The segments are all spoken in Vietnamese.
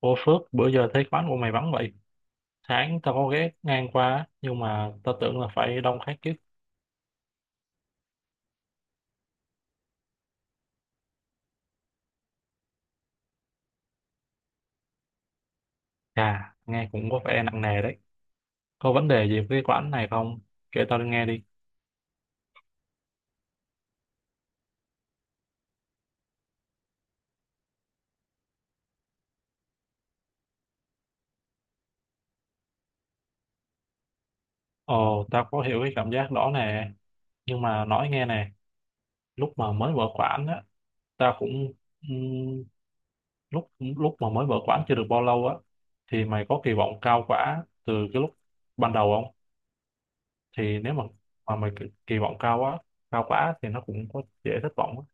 Ô Phước, bữa giờ thấy quán của mày vắng vậy. Sáng tao có ghé ngang qua, á, nhưng mà tao tưởng là phải đông khách chứ. Chà, nghe cũng có vẻ nặng nề đấy. Có vấn đề gì với cái quán này không? Kể tao nghe đi. Ồ, tao có hiểu cái cảm giác đó nè. Nhưng mà nói nghe nè, lúc mà mới mở quán á, tao cũng... ừm, lúc lúc mà mới mở quán chưa được bao lâu á, thì mày có kỳ vọng cao quá từ cái lúc ban đầu không? Thì nếu mà mày kỳ kỳ vọng cao quá, thì nó cũng có dễ thất vọng á.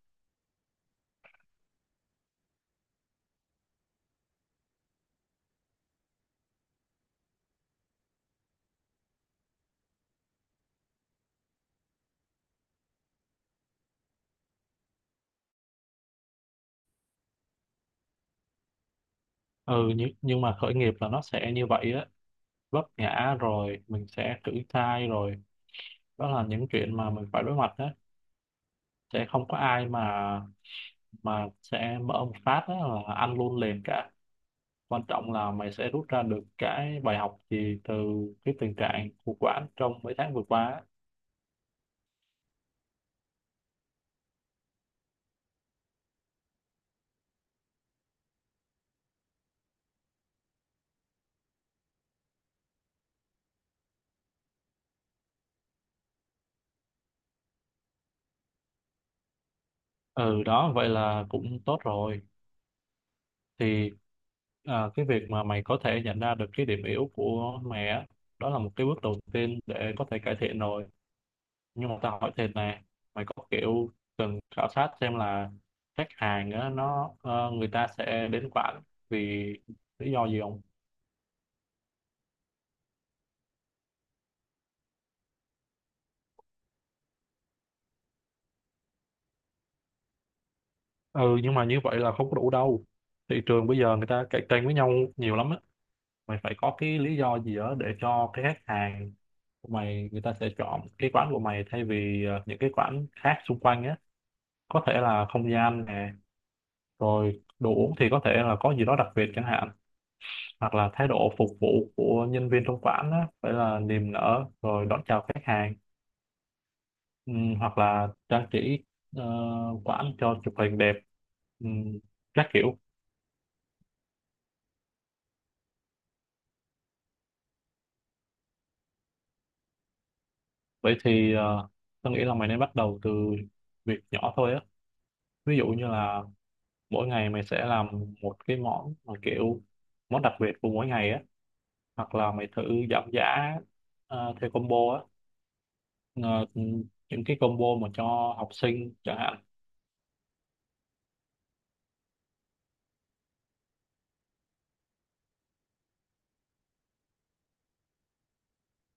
Ừ nhưng mà khởi nghiệp là nó sẽ như vậy á, vấp ngã rồi mình sẽ thử thai rồi, đó là những chuyện mà mình phải đối mặt á, sẽ không có ai mà sẽ mở một phát á là ăn luôn liền cả. Quan trọng là mày sẽ rút ra được cái bài học gì từ cái tình trạng khủng hoảng trong mấy tháng vừa qua á. Ừ đó, vậy là cũng tốt rồi. Thì cái việc mà mày có thể nhận ra được cái điểm yếu của mày á, đó là một cái bước đầu tiên để có thể cải thiện rồi. Nhưng mà tao hỏi thêm nè, mày có kiểu cần khảo sát xem là khách hàng á, nó người ta sẽ đến quán vì lý do gì không? Ừ, nhưng mà như vậy là không có đủ đâu. Thị trường bây giờ người ta cạnh tranh với nhau nhiều lắm á, mày phải có cái lý do gì đó để cho cái khách hàng của mày người ta sẽ chọn cái quán của mày thay vì những cái quán khác xung quanh á. Có thể là không gian nè, rồi đồ uống thì có thể là có gì đó đặc biệt chẳng hạn, hoặc là thái độ phục vụ của nhân viên trong quán á, phải là niềm nở rồi đón chào khách hàng. Hoặc là trang trí ờ, quán cho chụp hình đẹp. Ừm, các kiểu. Vậy thì tôi nghĩ là mày nên bắt đầu từ việc nhỏ thôi á, ví dụ như là mỗi ngày mày sẽ làm một cái món mà kiểu món đặc biệt của mỗi ngày á, hoặc là mày thử giảm giá theo combo á. Ờ, những cái combo mà cho học sinh chẳng hạn.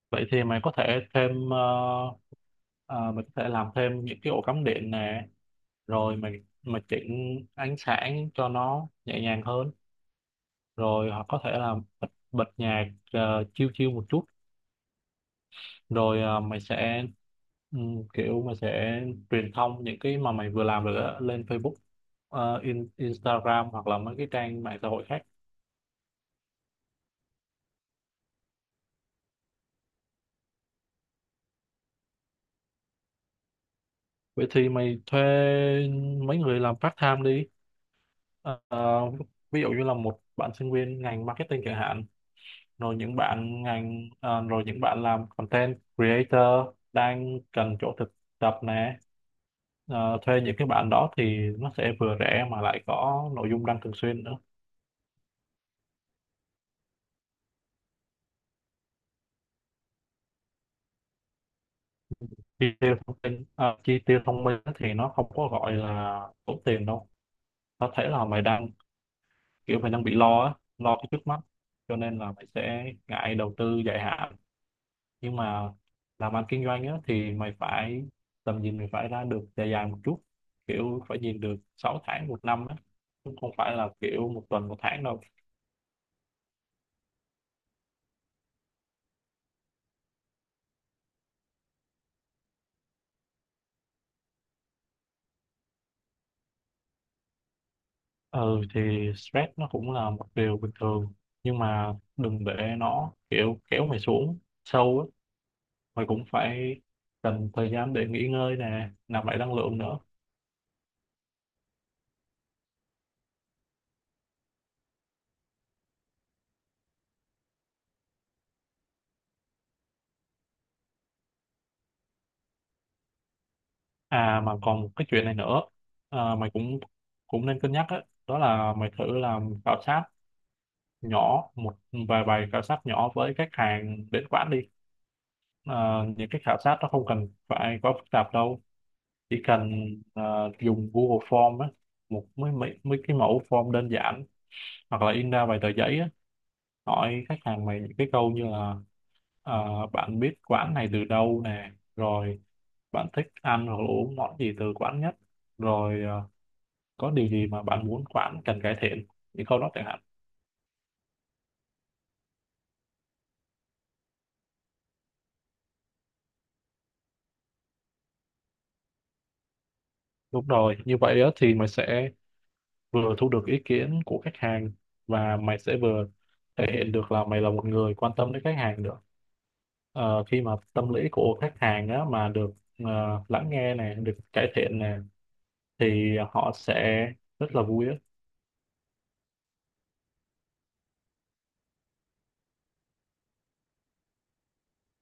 Vậy thì mày có thể thêm mình có thể làm thêm những cái ổ cắm điện nè, rồi mình chỉnh ánh sáng cho nó nhẹ nhàng hơn, rồi hoặc có thể là bật nhạc chill chill một chút, rồi mày sẽ kiểu mày sẽ truyền thông những cái mà mày vừa làm được á lên Facebook, Instagram hoặc là mấy cái trang mạng xã hội khác. Vậy thì mày thuê mấy người làm part time đi. Ờ, ví dụ như là một bạn sinh viên ngành marketing chẳng hạn, rồi những bạn làm content creator đang cần chỗ thực tập nè. Ờ, thuê những cái bạn đó thì nó sẽ vừa rẻ mà lại có nội dung đăng thường xuyên nữa. Chi tiêu thông minh thì nó không có gọi là tốn tiền đâu. Có thể là mày đang kiểu mày đang bị lo á, lo cái trước mắt, cho nên là mày sẽ ngại đầu tư dài hạn. Nhưng mà làm ăn kinh doanh á, thì mày phải, tầm nhìn mày phải ra được dài dài một chút, kiểu phải nhìn được 6 tháng một năm á, chứ không phải là kiểu một tuần một tháng đâu. Ừ thì stress nó cũng là một điều bình thường, nhưng mà đừng để nó kiểu kéo mày xuống sâu á. Mày cũng phải cần thời gian để nghỉ ngơi nè, nạp lại năng lượng nữa. À mà còn một cái chuyện này nữa, mày cũng cũng nên cân nhắc á, đó là mày thử làm khảo sát nhỏ một vài bài khảo sát nhỏ với khách hàng đến quán đi. Ờ, những cái khảo sát nó không cần phải quá phức tạp đâu, chỉ cần dùng Google Form á, một mấy, mấy mấy cái mẫu form đơn giản, hoặc là in ra vài tờ giấy á, hỏi khách hàng mày những cái câu như là bạn biết quán này từ đâu nè, rồi bạn thích ăn hoặc là uống món gì từ quán nhất, rồi có điều gì mà bạn muốn quán cần cải thiện, những câu đó chẳng hạn. Đúng rồi, như vậy á thì mày sẽ vừa thu được ý kiến của khách hàng, và mày sẽ vừa thể hiện được là mày là một người quan tâm đến khách hàng nữa. Khi mà tâm lý của khách hàng á, mà được lắng nghe này, được cải thiện này, thì họ sẽ rất là vui á.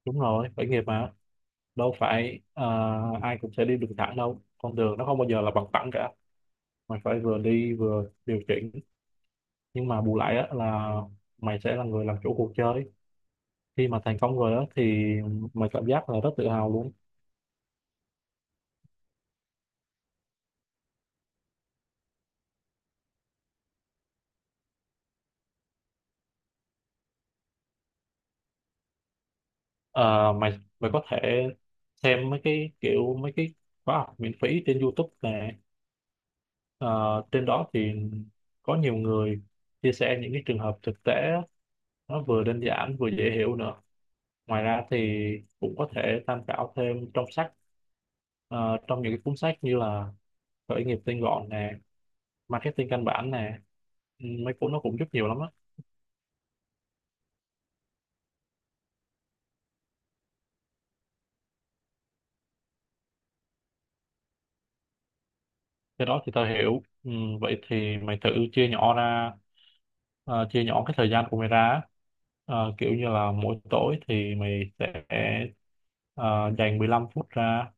Đúng rồi, khởi nghiệp mà đâu phải ai cũng sẽ đi đường thẳng đâu, con đường nó không bao giờ là bằng phẳng cả, mày phải vừa đi vừa điều chỉnh. Nhưng mà bù lại á, là mày sẽ là người làm chủ cuộc chơi, khi mà thành công rồi á thì mày cảm giác là rất tự hào luôn. Ờ, mày mày có thể xem mấy cái khóa học miễn phí trên YouTube nè. Ờ, Trên đó thì có nhiều người chia sẻ những cái trường hợp thực tế, nó vừa đơn giản vừa dễ hiểu nữa. Ngoài ra thì cũng có thể tham khảo thêm trong sách, trong những cái cuốn sách như là khởi nghiệp tinh gọn nè, marketing căn bản nè. Ừ, mấy cuốn nó cũng giúp nhiều lắm á. Cái đó thì tao hiểu. Ừ, vậy thì mày thử chia nhỏ ra, chia nhỏ cái thời gian của mày ra á. Ờ, kiểu như là mỗi tối thì mày sẽ ờ, dành 15 phút ra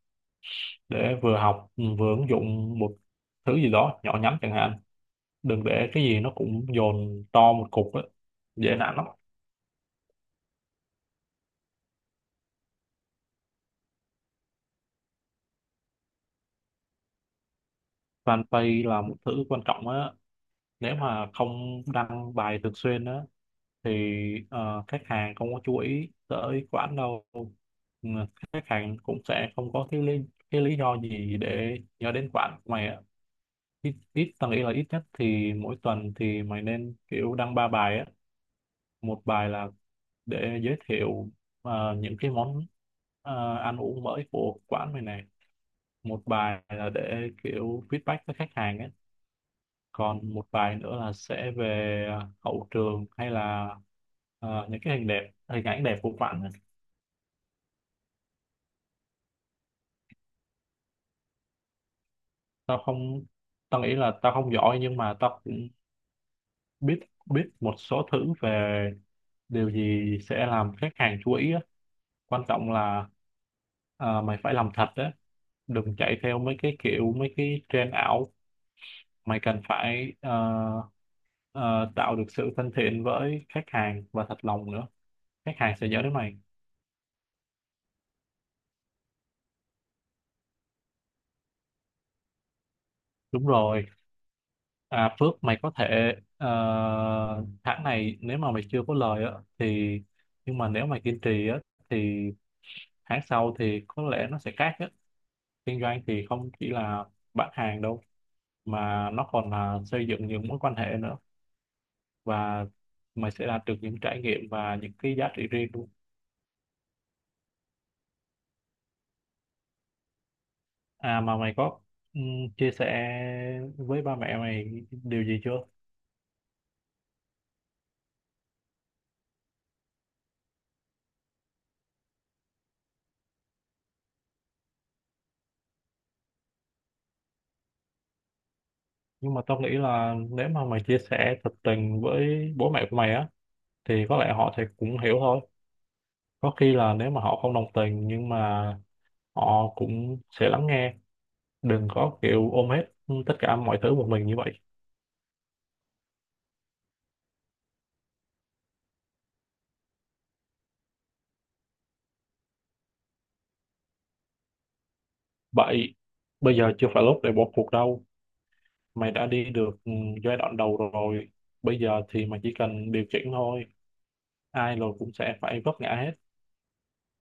để vừa học, vừa ứng dụng một thứ gì đó nhỏ nhắn chẳng hạn. Đừng để cái gì nó cũng dồn to một cục á, dễ nản lắm. Fanpage là một thứ quan trọng á, nếu mà không đăng bài thường xuyên á thì khách hàng không có chú ý tới quán đâu. Ừ, khách hàng cũng sẽ không có cái lý do gì để nhớ đến quán của mày ạ. Ít ít tầng Ý là ít nhất thì mỗi tuần thì mày nên kiểu đăng ba bài á. Một bài là để giới thiệu những cái món ăn uống mới của quán mày này, một bài là để kiểu feedback với khách hàng á, còn một bài nữa là sẽ về hậu trường hay là những cái hình ảnh đẹp của bạn ấy. Tao không, tao nghĩ là tao không giỏi, nhưng mà tao cũng biết biết một số thứ về điều gì sẽ làm khách hàng chú ý á. Quan trọng là mày phải làm thật á, đừng chạy theo mấy cái trend ảo. Mày cần phải ờ, tạo được sự thân thiện với khách hàng và thật lòng nữa, khách hàng sẽ nhớ đến mày. Đúng rồi. À, Phước, mày có thể tháng này nếu mà mày chưa có lời á thì, nhưng mà nếu mày kiên trì á thì tháng sau thì có lẽ nó sẽ khác á. Kinh doanh thì không chỉ là bán hàng đâu, mà nó còn là xây dựng những mối quan hệ nữa, và mày sẽ đạt được những trải nghiệm và những cái giá trị riêng luôn. À mà mày có chia sẻ với ba mẹ mày điều gì chưa? Nhưng mà tao nghĩ là nếu mà mày chia sẻ thật tình với bố mẹ của mày á thì có lẽ họ sẽ cũng hiểu thôi, có khi là nếu mà họ không đồng tình nhưng mà họ cũng sẽ lắng nghe, đừng có kiểu ôm hết tất cả mọi thứ một mình như vậy. Vậy bây giờ chưa phải lúc để bỏ cuộc đâu, mày đã đi được giai đoạn đầu rồi, bây giờ thì mày chỉ cần điều chỉnh thôi, ai rồi cũng sẽ phải vấp ngã hết.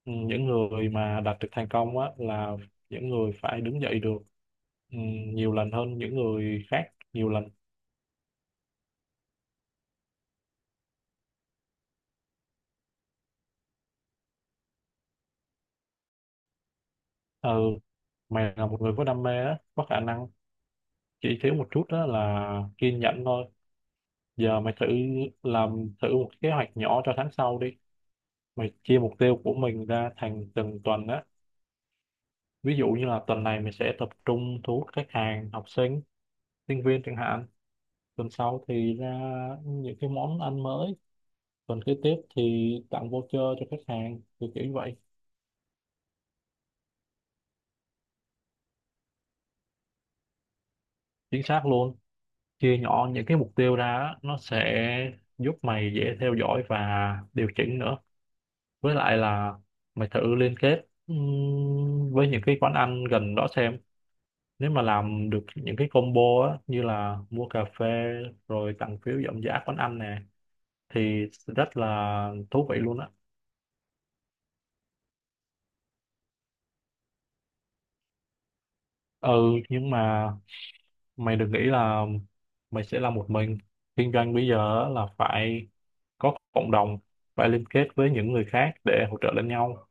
Ừ, những người mà đạt được thành công á là những người phải đứng dậy được, ừ, nhiều lần hơn những người khác, nhiều lần. Ừ, mày là một người có đam mê á, có khả năng, chỉ thiếu một chút đó là kiên nhẫn thôi. Giờ mày thử làm thử một kế hoạch nhỏ cho tháng sau đi, mày chia mục tiêu của mình ra thành từng tuần á, ví dụ như là tuần này mày sẽ tập trung thu hút khách hàng học sinh sinh viên chẳng hạn, tuần sau thì ra những cái món ăn mới, tuần kế tiếp thì tặng voucher cho khách hàng kiểu kiểu như vậy. Chính xác luôn, chia nhỏ những cái mục tiêu ra á, nó sẽ giúp mày dễ theo dõi và điều chỉnh nữa. Với lại là mày thử liên kết với những cái quán ăn gần đó xem, nếu mà làm được những cái combo á như là mua cà phê rồi tặng phiếu giảm giá quán ăn nè thì rất là thú vị luôn á. Ừ, nhưng mà mày đừng nghĩ là mày sẽ làm một mình, kinh doanh bây giờ á là phải có cộng đồng, phải liên kết với những người khác để hỗ trợ lẫn nhau.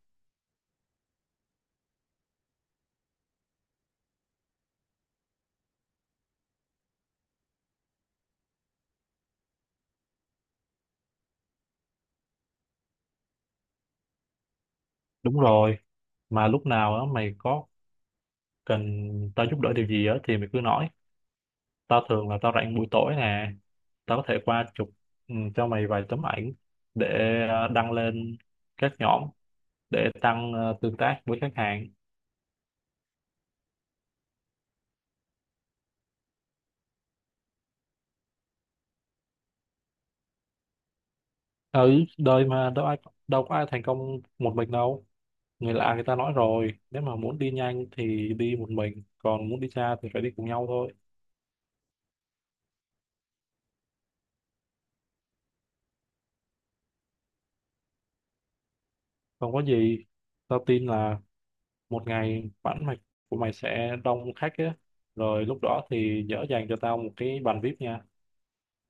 Đúng rồi. Mà lúc nào á mày có cần tao giúp đỡ điều gì á thì mày cứ nói, tao thường là tao rảnh buổi tối nè, tao có thể qua chụp cho mày vài tấm ảnh để đăng lên các nhóm để tăng tương tác với khách hàng. Ở đời mà đâu có ai thành công một mình đâu, người lạ người ta nói rồi, nếu mà muốn đi nhanh thì đi một mình, còn muốn đi xa thì phải đi cùng nhau thôi. Không có gì. Tao tin là một ngày bản mạch của mày sẽ đông khách á, rồi lúc đó thì nhớ dành cho tao một cái bàn VIP nha.